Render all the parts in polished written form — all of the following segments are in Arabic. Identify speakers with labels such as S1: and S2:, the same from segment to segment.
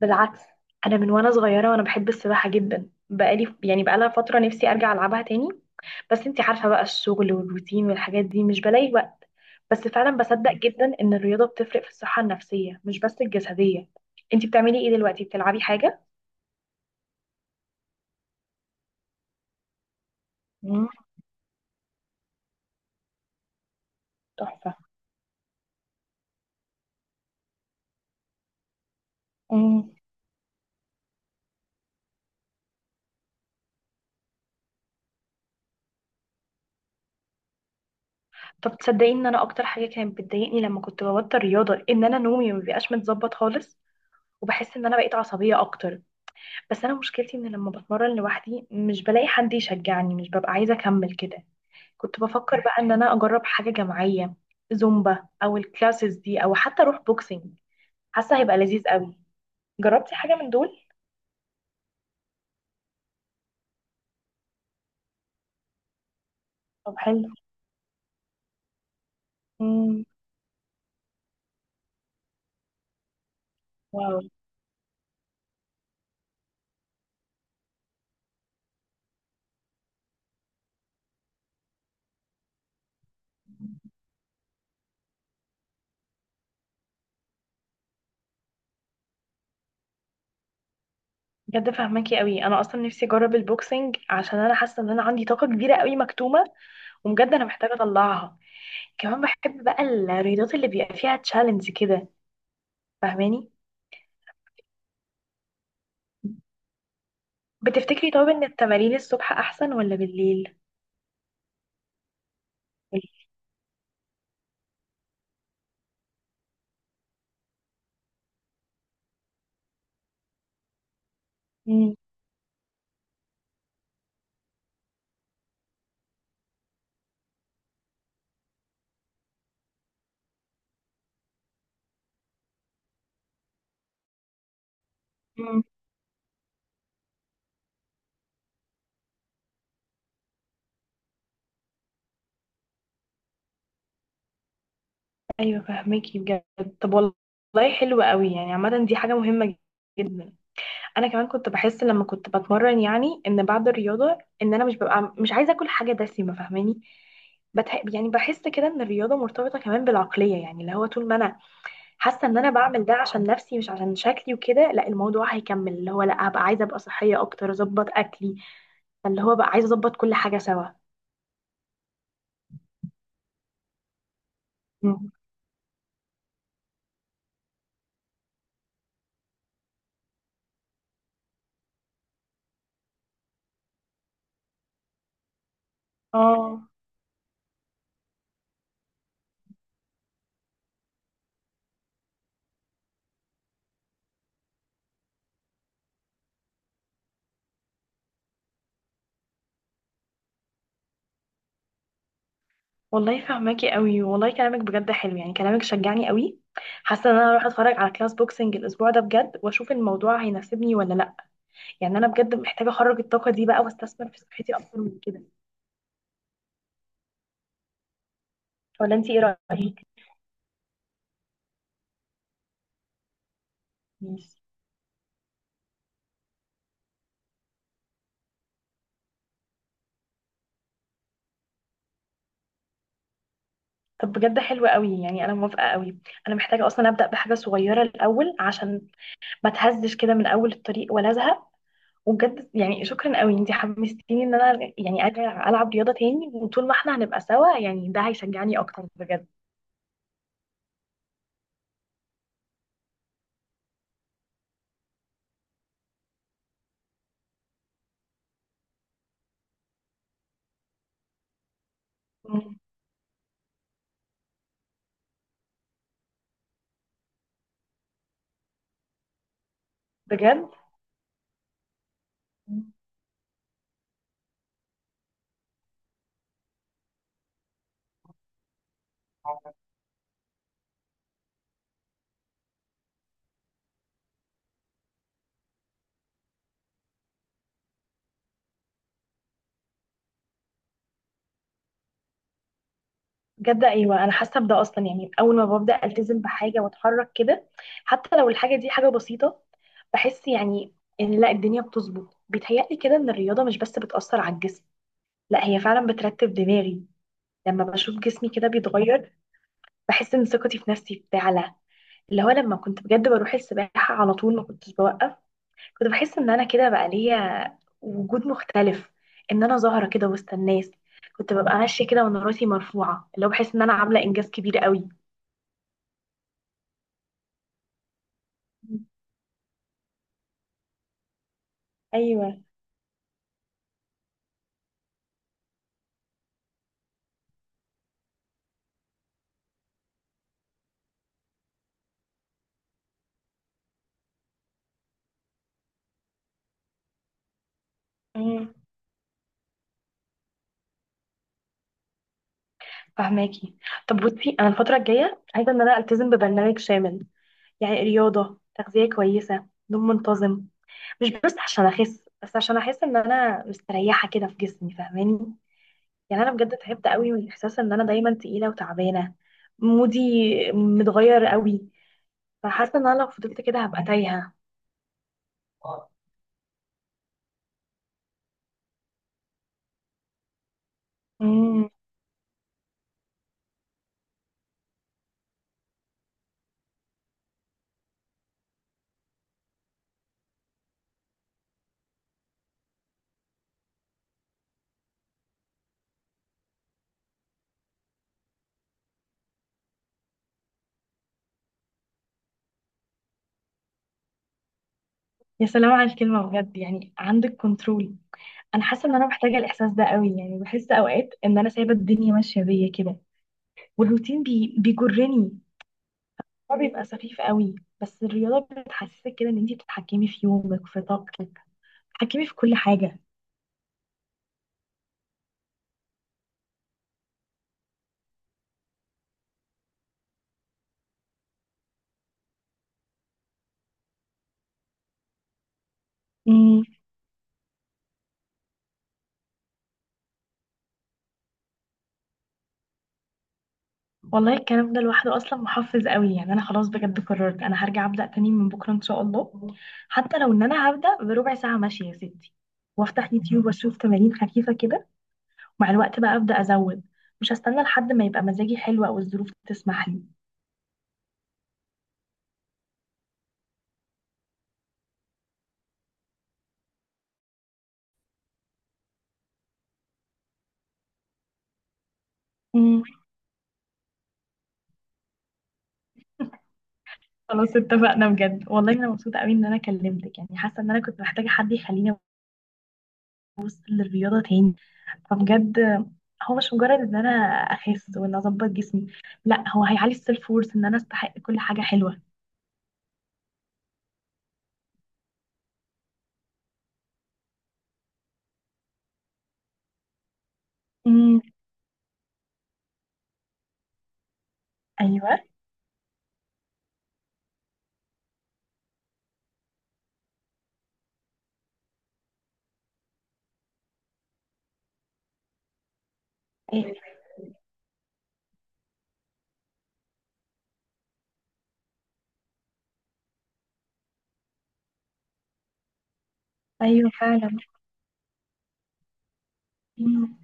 S1: بالعكس. انا من وانا صغيره وانا بحب السباحه جدا، يعني بقالها فتره نفسي ارجع العبها تاني. بس انتي عارفه بقى، الشغل والروتين والحاجات دي مش بلاقي وقت. بس فعلا بصدق جدا ان الرياضه بتفرق في الصحه النفسيه مش بس الجسديه. انتي بتعملي ايه دلوقتي؟ بتلعبي حاجه؟ مم. تحفه. مم. طب تصدقي ان انا اكتر حاجه كانت بتضايقني لما كنت ببطل رياضه ان انا نومي ما بيبقاش متظبط خالص، وبحس ان انا بقيت عصبيه اكتر. بس انا مشكلتي ان لما بتمرن لوحدي مش بلاقي حد يشجعني، مش ببقى عايزه اكمل كده. كنت بفكر بقى ان انا اجرب حاجه جماعيه، زومبا او الكلاسز دي او حتى اروح بوكسنج. حاسه هيبقى لذيذ قوي. جربتي حاجه من دول؟ طب حلو. مم. واو. بجد فهماكي قوي، انا اصلا نفسي اجرب البوكسنج عشان انا حاسه ان انا عندي طاقه كبيره قوي مكتومه، وبجد انا محتاجه اطلعها. كمان بحب بقى الرياضات اللي بيبقى فيها تشالنج كده، فاهماني؟ بتفتكري طب ان التمارين الصبح احسن ولا بالليل؟ امم. مم. ايوه فهميكي بجد. طب والله حلو قوي، يعني عامه دي حاجه مهمه جدا. انا كمان كنت بحس لما كنت بتمرن، يعني ان بعد الرياضه ان انا مش عايزه اكل حاجه دسمه، فاهماني؟ يعني بحس كده ان الرياضه مرتبطه كمان بالعقليه، يعني اللي هو طول ما انا حاسه ان انا بعمل ده عشان نفسي مش عشان شكلي وكده، لا الموضوع هيكمل، اللي هو لا هبقى عايزه ابقى صحيه اكتر اظبط اكلي، اللي هو بقى عايزه اظبط كل حاجه سوا. اه. والله فهماكي قوي، والله كلامك بجد حلو، يعني كلامك شجعني قوي. حاسه ان انا اروح اتفرج على كلاس بوكسنج الاسبوع ده بجد، واشوف الموضوع هيناسبني ولا لا. يعني انا بجد محتاجه اخرج الطاقه دي بقى واستثمر في صحتي اكتر من كده. ولا انت ايه رايك؟ ماشي. طب بجد حلو قوي، يعني انا موافقه قوي. انا محتاجه اصلا ابدا بحاجه صغيره الاول عشان ما اتهزش كده من اول الطريق ولا ازهق. وبجد يعني شكرا قوي، انت حمستيني ان انا يعني ارجع العب رياضه تاني، وطول ما احنا هنبقى سوا يعني ده هيشجعني اكتر بجد. بجد. مم. بجد، ايوه انا حاسه بده اصلا، يعني اول ما ببدا التزم بحاجه واتحرك كده، حتى لو الحاجه دي حاجه بسيطه، بحس يعني ان لا الدنيا بتظبط، بيتهيألي كده ان الرياضه مش بس بتاثر على الجسم، لا هي فعلا بترتب دماغي. لما بشوف جسمي كده بيتغير بحس ان ثقتي في نفسي بتعلى. اللي هو لما كنت بجد بروح السباحه على طول ما كنتش بوقف، كنت بحس ان انا كده بقى ليا وجود مختلف، ان انا ظاهره كده وسط الناس. كنت ببقى ماشيه كده وانا راسي مرفوعه، اللي هو بحس ان انا عامله انجاز كبير قوي. ايوه. امم. فهماكي. طب بصي، انا الفتره الجايه عايزه ان انا التزم ببرنامج شامل، يعني رياضه، تغذيه كويسه، نوم منتظم، مش بس عشان اخس بس عشان احس ان انا مستريحه كده في جسمي، فاهماني؟ يعني انا بجد تعبت قوي من احساس ان انا دايما تقيله وتعبانه، مودي متغير قوي، فحاسه ان انا لو فضلت كده هبقى تايهه. امم. يا سلام على الكلمة بجد، يعني عندك كنترول. انا حاسة ان انا محتاجة الاحساس ده قوي، يعني بحس اوقات ان انا سايبة الدنيا ماشية بيا كده، والروتين بيجرني. هو بيبقى سخيف قوي. بس الرياضة بتحسسك كده ان انتي بتتحكمي في يومك، في طاقتك، بتتحكمي في كل حاجة. والله الكلام ده لوحده اصلا محفز قوي، يعني انا خلاص بجد قررت انا هرجع ابدا تاني من بكره ان شاء الله. حتى لو ان انا هبدا بربع ساعه ماشيه يا ستي، وافتح يوتيوب واشوف تمارين خفيفه كده، ومع الوقت بقى ابدا ازود. مش هستنى لحد ما يبقى مزاجي حلو او الظروف تسمح لي. مم. خلاص اتفقنا بجد، والله انا مبسوطه قوي ان انا كلمتك، يعني حاسه ان انا كنت محتاجه حد يخليني ابص للرياضه تاني. فبجد هو مش مجرد ان انا اخس وان اظبط جسمي، لا هو هيعلي السيلف وورث ان انا استحق كل حاجه حلوه. امم. ايوه. إيه. ايوه فعلا. امم.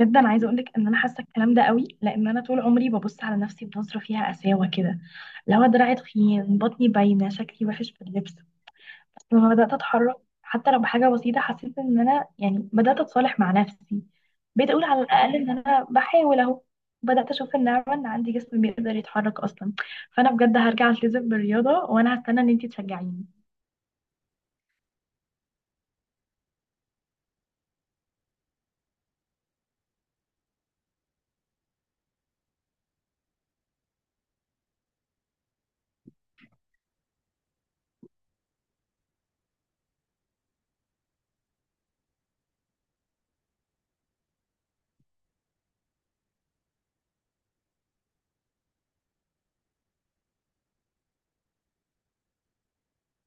S1: جدا عايزه اقول لك ان انا حاسه الكلام ده قوي، لان انا طول عمري ببص على نفسي بنظره فيها قساوه كده، لو دراعي تخين بطني باينه شكلي وحش في اللبس. بس لما بدات اتحرك، حتى لو بحاجه بسيطه، حسيت ان انا يعني بدات اتصالح مع نفسي. بقيت اقول على الاقل ان انا بحاول اهو، بدات اشوف النعمه ان عندي جسم بيقدر يتحرك اصلا. فانا بجد هرجع التزم بالرياضه وانا هستنى ان انتي تشجعيني.